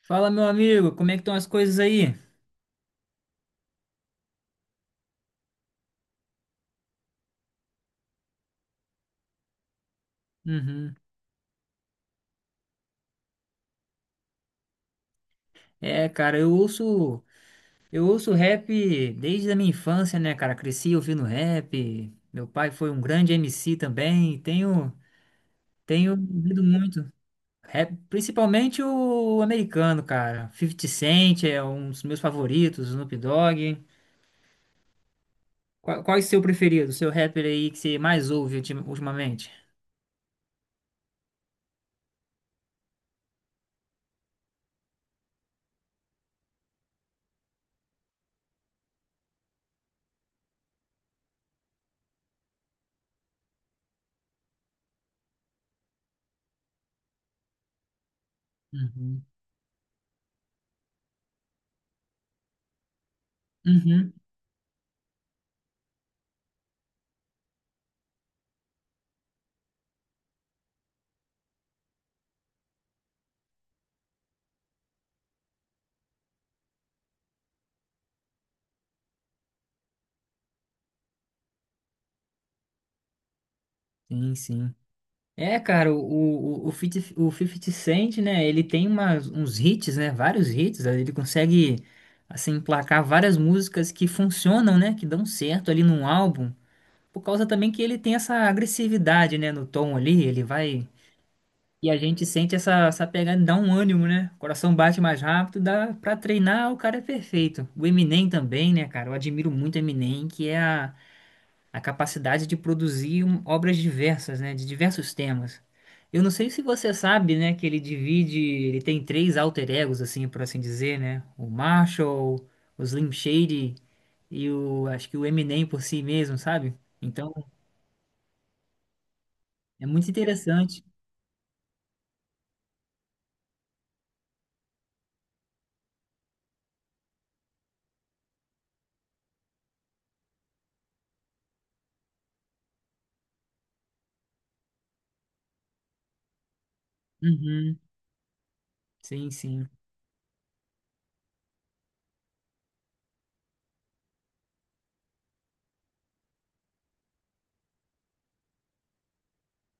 Fala, meu amigo, como é que estão as coisas aí? Uhum. É, cara, eu ouço rap desde a minha infância, né, cara? Cresci ouvindo rap. Meu pai foi um grande MC também. Tenho, tenho ouvido muito rap, principalmente o americano, cara. 50 Cent é um dos meus favoritos, Snoop Dogg. Qual é o seu preferido, o seu rapper aí que você mais ouve ultimamente? Uhum. Uhum. Sim, sim. É, cara, o 50 Cent, né? Ele tem umas, uns hits, né? Vários hits, né. Ele consegue, assim, emplacar várias músicas que funcionam, né? Que dão certo ali num álbum. Por causa também que ele tem essa agressividade, né? No tom ali, ele vai. E a gente sente essa, essa pegada, dá um ânimo, né? O coração bate mais rápido, dá pra treinar, o cara é perfeito. O Eminem também, né, cara? Eu admiro muito o Eminem, que é a capacidade de produzir obras diversas, né, de diversos temas. Eu não sei se você sabe, né, que ele divide, ele tem três alter egos, assim, por assim dizer, né, o Marshall, o Slim Shady e o, acho que o Eminem por si mesmo, sabe? Então, é muito interessante. Uhum, sim, sim.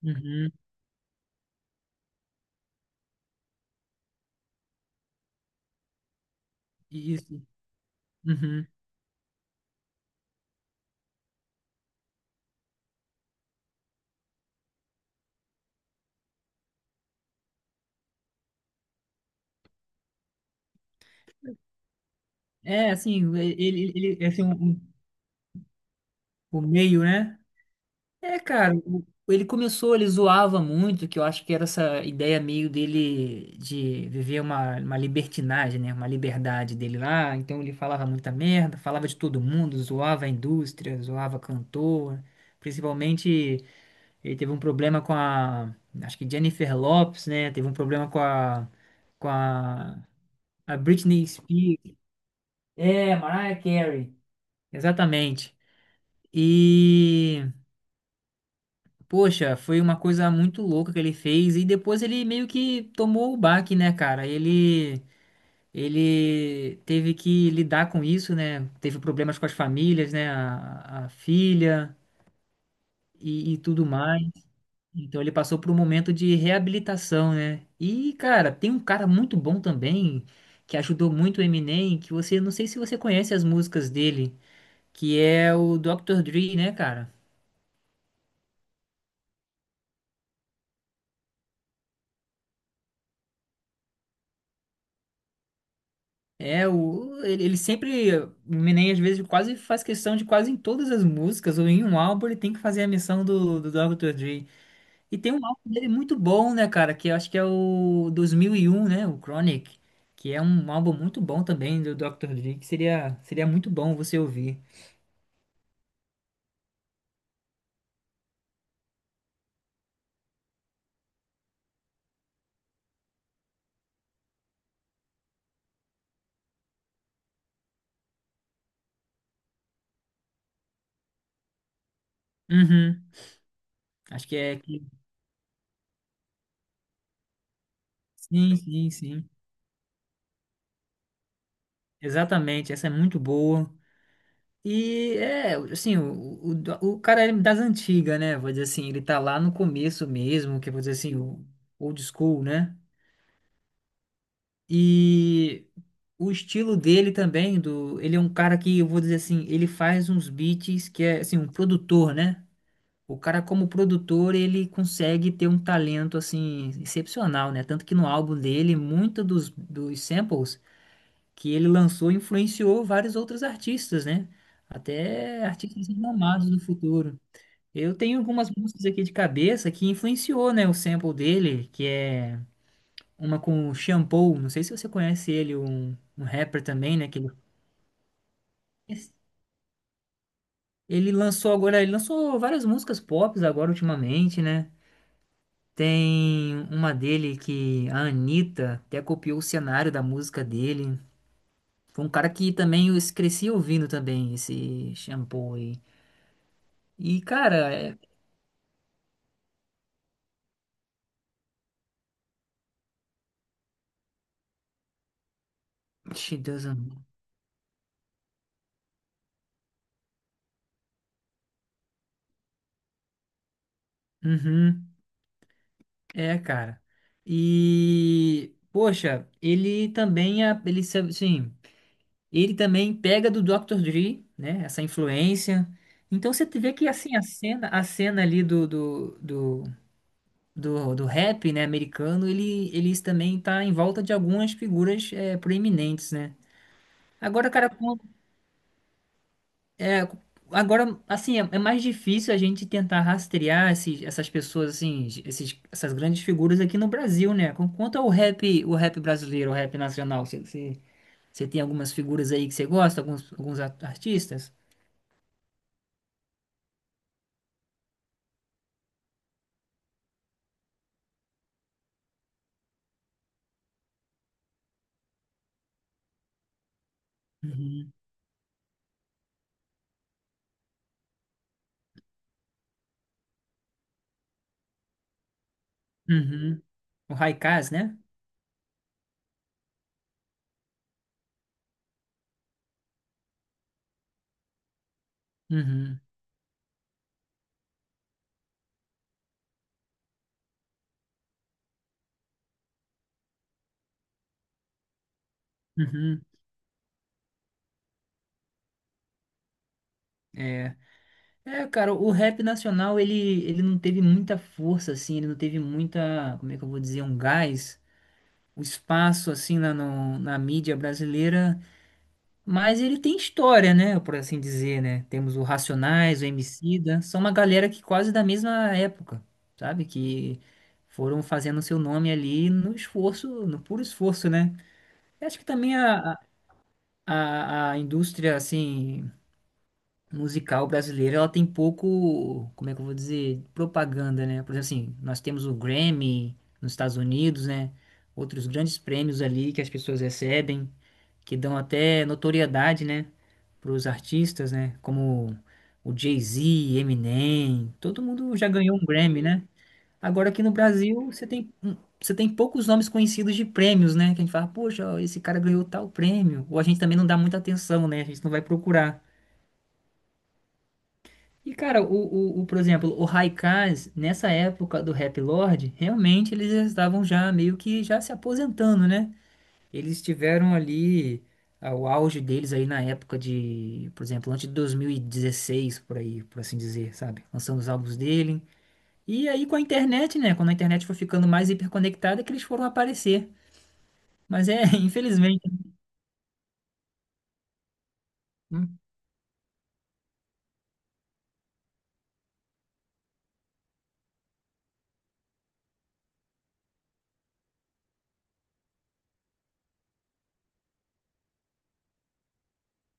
Uhum, isso. Uhum. É, assim, ele, ele- assim, o, o meio, né? É, cara, ele começou, ele zoava muito, que eu acho que era essa ideia meio dele de viver uma libertinagem, né? Uma liberdade dele lá. Então ele falava muita merda, falava de todo mundo, zoava a indústria, zoava cantor. Principalmente ele teve um problema com a, acho que Jennifer Lopez, né? Teve um problema com com a, a Britney Spears. É, Mariah Carey. Exatamente. E Poxa, foi uma coisa muito louca que ele fez e depois ele meio que tomou o baque, né, cara? Ele teve que lidar com isso, né? Teve problemas com as famílias, né? A filha e tudo mais. Então ele passou por um momento de reabilitação, né? E, cara, tem um cara muito bom também que ajudou muito o Eminem, que você não sei se você conhece as músicas dele, que é o Dr. Dre, né, cara? É, ele sempre, o Eminem às vezes quase faz questão de quase em todas as músicas, ou em um álbum ele tem que fazer a missão do Dr. Dre. E tem um álbum dele muito bom, né, cara, que eu acho que é o 2001, né, o Chronic, que é um álbum muito bom também do Dr. Dre, que seria muito bom você ouvir. Uhum, acho que é... que- Sim, sim, sim, exatamente, essa é muito boa. E é, assim, o cara é das antigas, né? Vou dizer assim, ele tá lá no começo mesmo, que é, vou dizer assim, o old school, né? E o estilo dele também, ele é um cara que, eu vou dizer assim, ele faz uns beats que é, assim, um produtor, né? O cara, como produtor, ele consegue ter um talento, assim, excepcional, né? Tanto que no álbum dele, muito dos samples que ele lançou influenciou vários outros artistas, né? Até artistas renomados do futuro. Eu tenho algumas músicas aqui de cabeça que influenciou, né, o sample dele, que é uma com o Shampoo, não sei se você conhece ele, um rapper também, né, que ele lançou agora, ele lançou várias músicas pop agora ultimamente, né? Tem uma dele que a Anitta até copiou o cenário da música dele. Foi um cara que também eu cresci ouvindo também esse Shampoo aí. E, cara, é. Ixi, Deus amado. Uhum. É, cara. E, poxa, ele também, sim, ele também pega do Dr. Dre, né? Essa influência. Então você vê que assim a cena ali do rap, né, americano, ele também tá em volta de algumas figuras é, proeminentes, né? Agora, cara, É, agora, assim, é mais difícil a gente tentar rastrear esses, essas pessoas, assim, esses, essas grandes figuras aqui no Brasil, né? Quanto ao rap, o rap brasileiro, o rap nacional, você tem algumas figuras aí que você gosta, alguns, artistas? Uhum. Uhum. O Haikaz, né? Uhum. Uhum. É. É, cara, o rap nacional, ele não teve muita força, assim, ele não teve muita, como é que eu vou dizer, um gás, o espaço, assim, na, no- na mídia brasileira. Mas ele tem história, né? Por assim dizer, né? Temos o Racionais, o Emicida, são uma galera que quase da mesma época, sabe? Que foram fazendo seu nome ali no esforço, no puro esforço, né? Eu acho que também a indústria, assim, musical brasileira, ela tem pouco, como é que eu vou dizer, propaganda, né? Por exemplo, assim, nós temos o Grammy nos Estados Unidos, né? Outros grandes prêmios ali que as pessoas recebem que dão até notoriedade, né, para os artistas, né, como o Jay-Z, Eminem, todo mundo já ganhou um Grammy, né? Agora aqui no Brasil você tem poucos nomes conhecidos de prêmios, né? Que a gente fala, poxa, ó, esse cara ganhou tal prêmio. Ou a gente também não dá muita atenção, né? A gente não vai procurar. E cara, por exemplo, o Haikais, nessa época do Rap Lord, realmente eles estavam já meio que já se aposentando, né? Eles tiveram ali o auge deles aí na época de, por exemplo, antes de 2016 por aí, por assim dizer, sabe? Lançando os álbuns dele. E aí com a internet, né? Quando a internet foi ficando mais hiperconectada, que eles foram aparecer. Mas é, infelizmente, hum,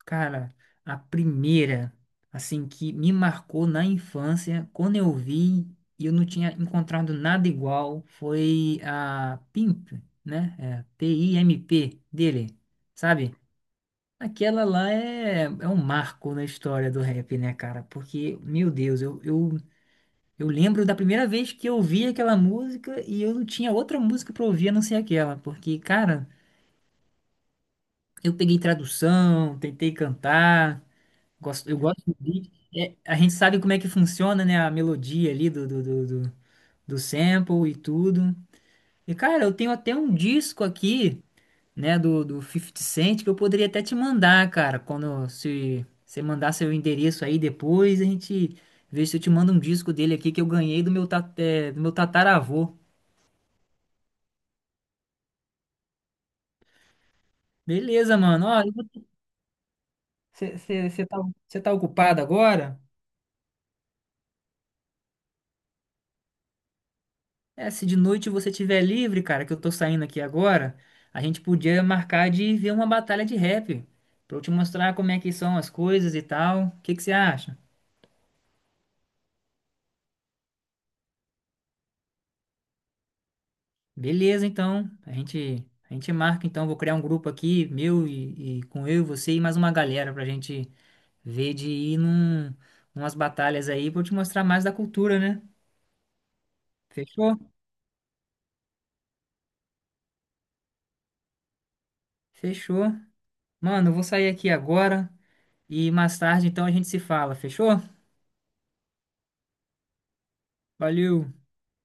cara, a primeira, assim, que me marcou na infância, quando eu vi e eu não tinha encontrado nada igual, foi a Pimp, né? É, PIMP dele, sabe? Aquela lá é, é um marco na história do rap, né, cara? Porque, meu Deus, eu lembro da primeira vez que eu ouvi aquela música e eu não tinha outra música pra ouvir a não ser aquela. Porque, cara, eu peguei tradução, tentei cantar, eu gosto do beat. É, a gente sabe como é que funciona, né, a melodia ali do sample e tudo. E, cara, eu tenho até um disco aqui, né, do Fifty Cent, que eu poderia até te mandar, cara, quando se você mandar seu endereço aí depois, a gente vê se eu te mando um disco dele aqui que eu ganhei do meu, do meu tataravô. Beleza, mano. Ó, você tá, cê tá ocupado agora? É, se de noite você tiver livre, cara, que eu tô saindo aqui agora, a gente podia marcar de ver uma batalha de rap, pra eu te mostrar como é que são as coisas e tal. O que que você acha? Beleza, então. A gente marca, então. Vou criar um grupo aqui, meu e com eu e você e mais uma galera pra gente ver de ir num, umas batalhas aí pra eu te mostrar mais da cultura, né? Fechou? Fechou. Mano, eu vou sair aqui agora e mais tarde, então, a gente se fala. Fechou? Valeu!